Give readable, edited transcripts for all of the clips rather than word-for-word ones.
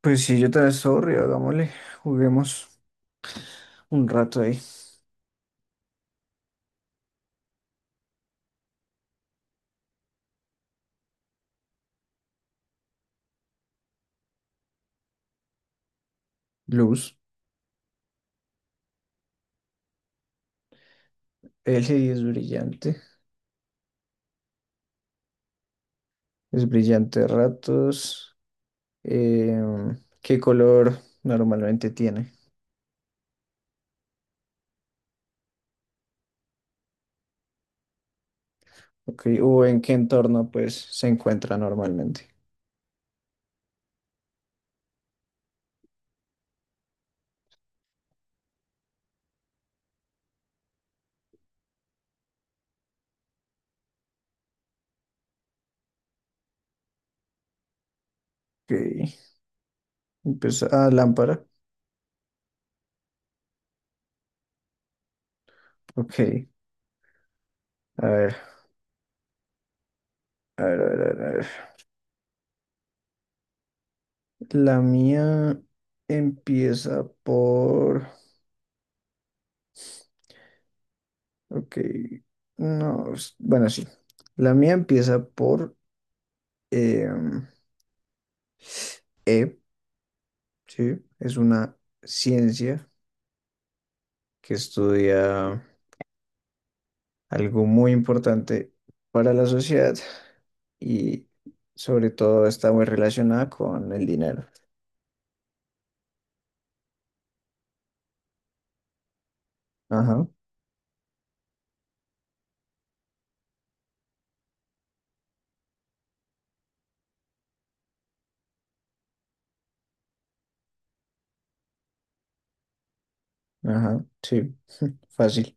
Pues sí, yo también sorry, hagámosle, juguemos un rato ahí. Luz, L es brillante a ratos. ¿Qué color normalmente tiene? Ok, o en qué entorno pues se encuentra normalmente. Ok, empieza, ah, lámpara. Ok, a ver, a ver, a ver, a ver, a ver. La mía empieza por... Ok, no, bueno, sí. La mía empieza por em, E, ¿sí? Es una ciencia que estudia algo muy importante para la sociedad y sobre todo está muy relacionada con el dinero. Ajá, ajá, sí, fácil.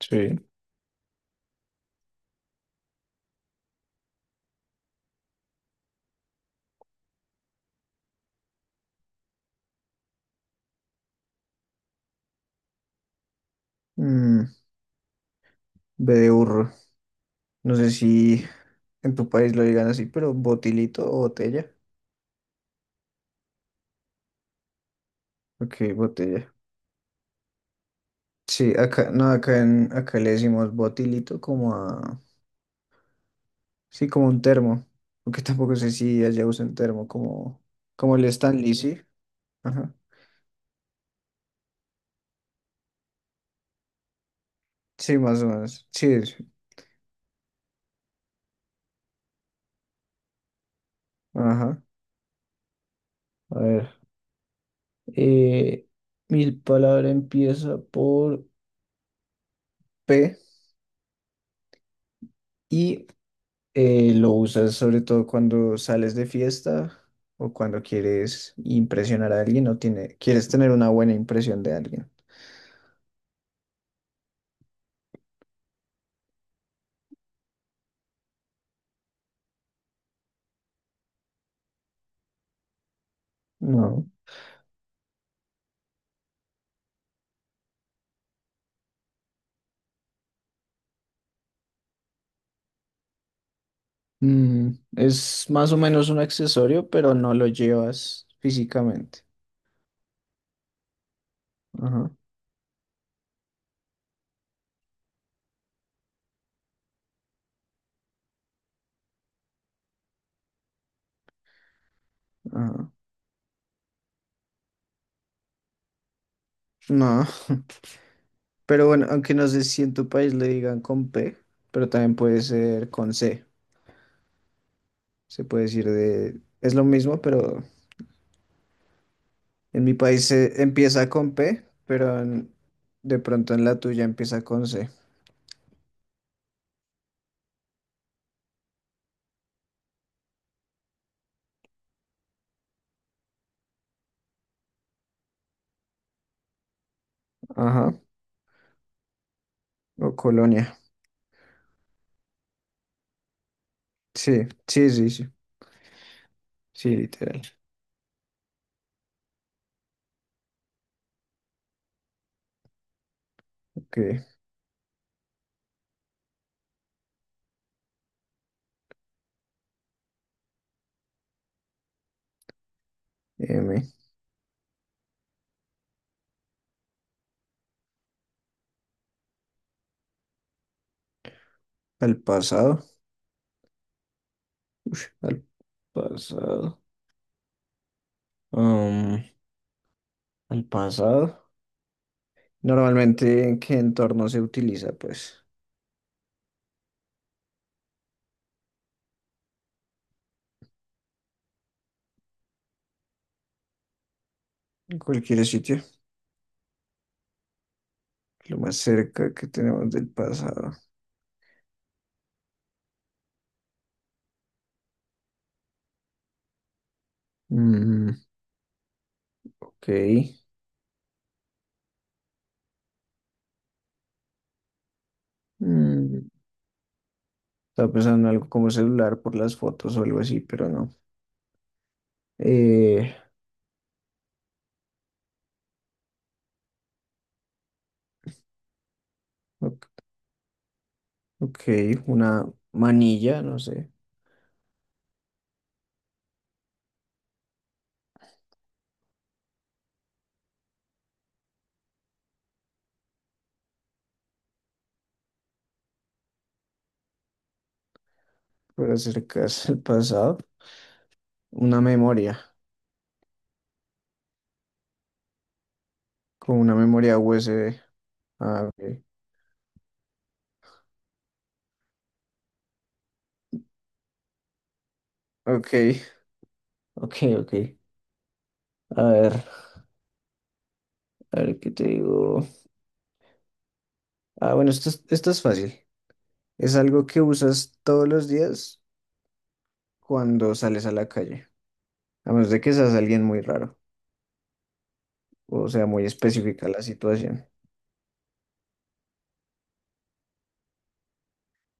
Sí. Mm, B de burro. No sé si en tu país lo digan así, pero botilito o botella. Ok, botella. Sí, acá, no, acá, en, acá le decimos botilito como a, sí, como un termo, aunque tampoco sé si allá usan termo, como, como el Stanley, ¿sí? Ajá, sí, más o menos, sí, sí. Ajá, a ver, eh, mi palabra empieza por P y lo usas sobre todo cuando sales de fiesta o cuando quieres impresionar a alguien o tiene, quieres tener una buena impresión de alguien. No. Mm, es más o menos un accesorio, pero no lo llevas físicamente. Ajá, ajá. No, pero bueno, aunque no sé si en tu país le digan con P, pero también puede ser con C. Se puede decir de... Es lo mismo, pero en mi país se empieza con P, pero en- de pronto en la tuya empieza con C. Ajá, o colonia. Sí, sí, sí, sí. Sí, literal. Ok, M. Al pasado. Ush, al pasado. Um, El pasado. Normalmente, ¿en qué entorno se utiliza? Pues en cualquier sitio. Lo más cerca que tenemos del pasado. Mm, ok. Mm, estaba pensando en algo como celular por las fotos o algo así, pero no. Eh, ok, ok, una manilla, no sé, para acercarse al pasado. Una memoria, con una memoria USB. Ah, ok, ok, ok, ok. A ver, a ver qué te digo. Ah, bueno, esto es fácil. Es algo que usas todos los días cuando sales a la calle, a menos de que seas alguien muy raro, o sea, muy específica la situación.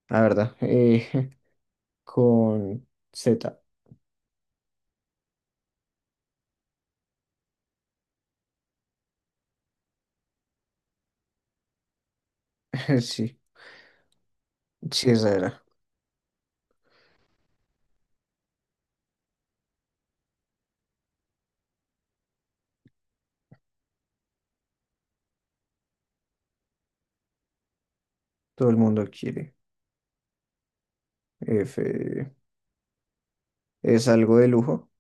La verdad, con Z, sí, sí, esa era. Todo el mundo quiere. F, es algo de lujo,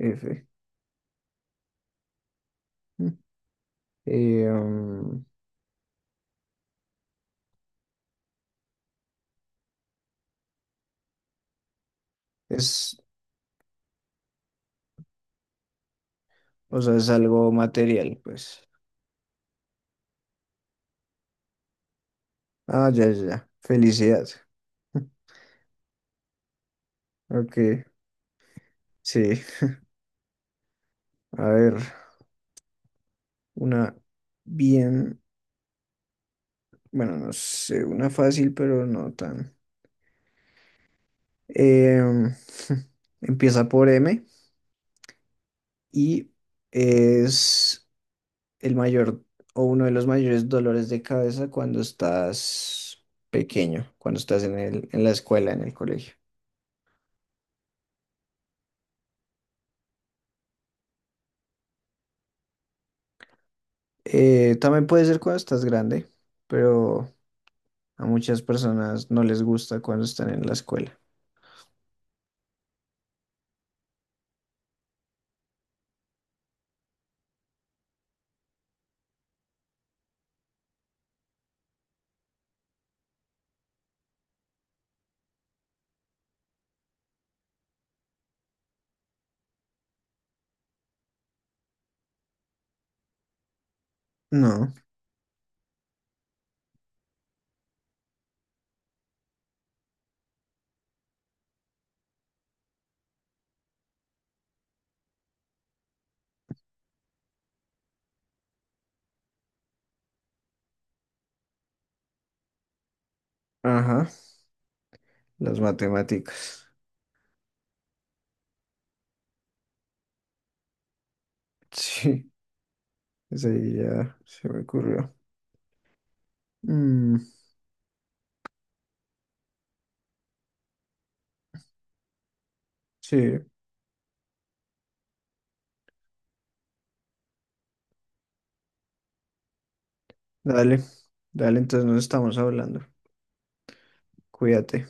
F. Mm. Eh, mm, es, o sea, es algo material, pues. Ah, ya, ya, ya. Felicidad. Ok, sí. A ver, una bien. Bueno, no sé, una fácil, pero no tan. Em, empieza por M y es el mayor o uno de los mayores dolores de cabeza cuando estás pequeño, cuando estás en el, en la escuela, en el colegio. También puede ser cuando estás grande, pero a muchas personas no les gusta cuando están en la escuela. No, ajá, las matemáticas. Sí, esa ya se me ocurrió. Mm, sí. Dale, dale, entonces nos estamos hablando. Cuídate.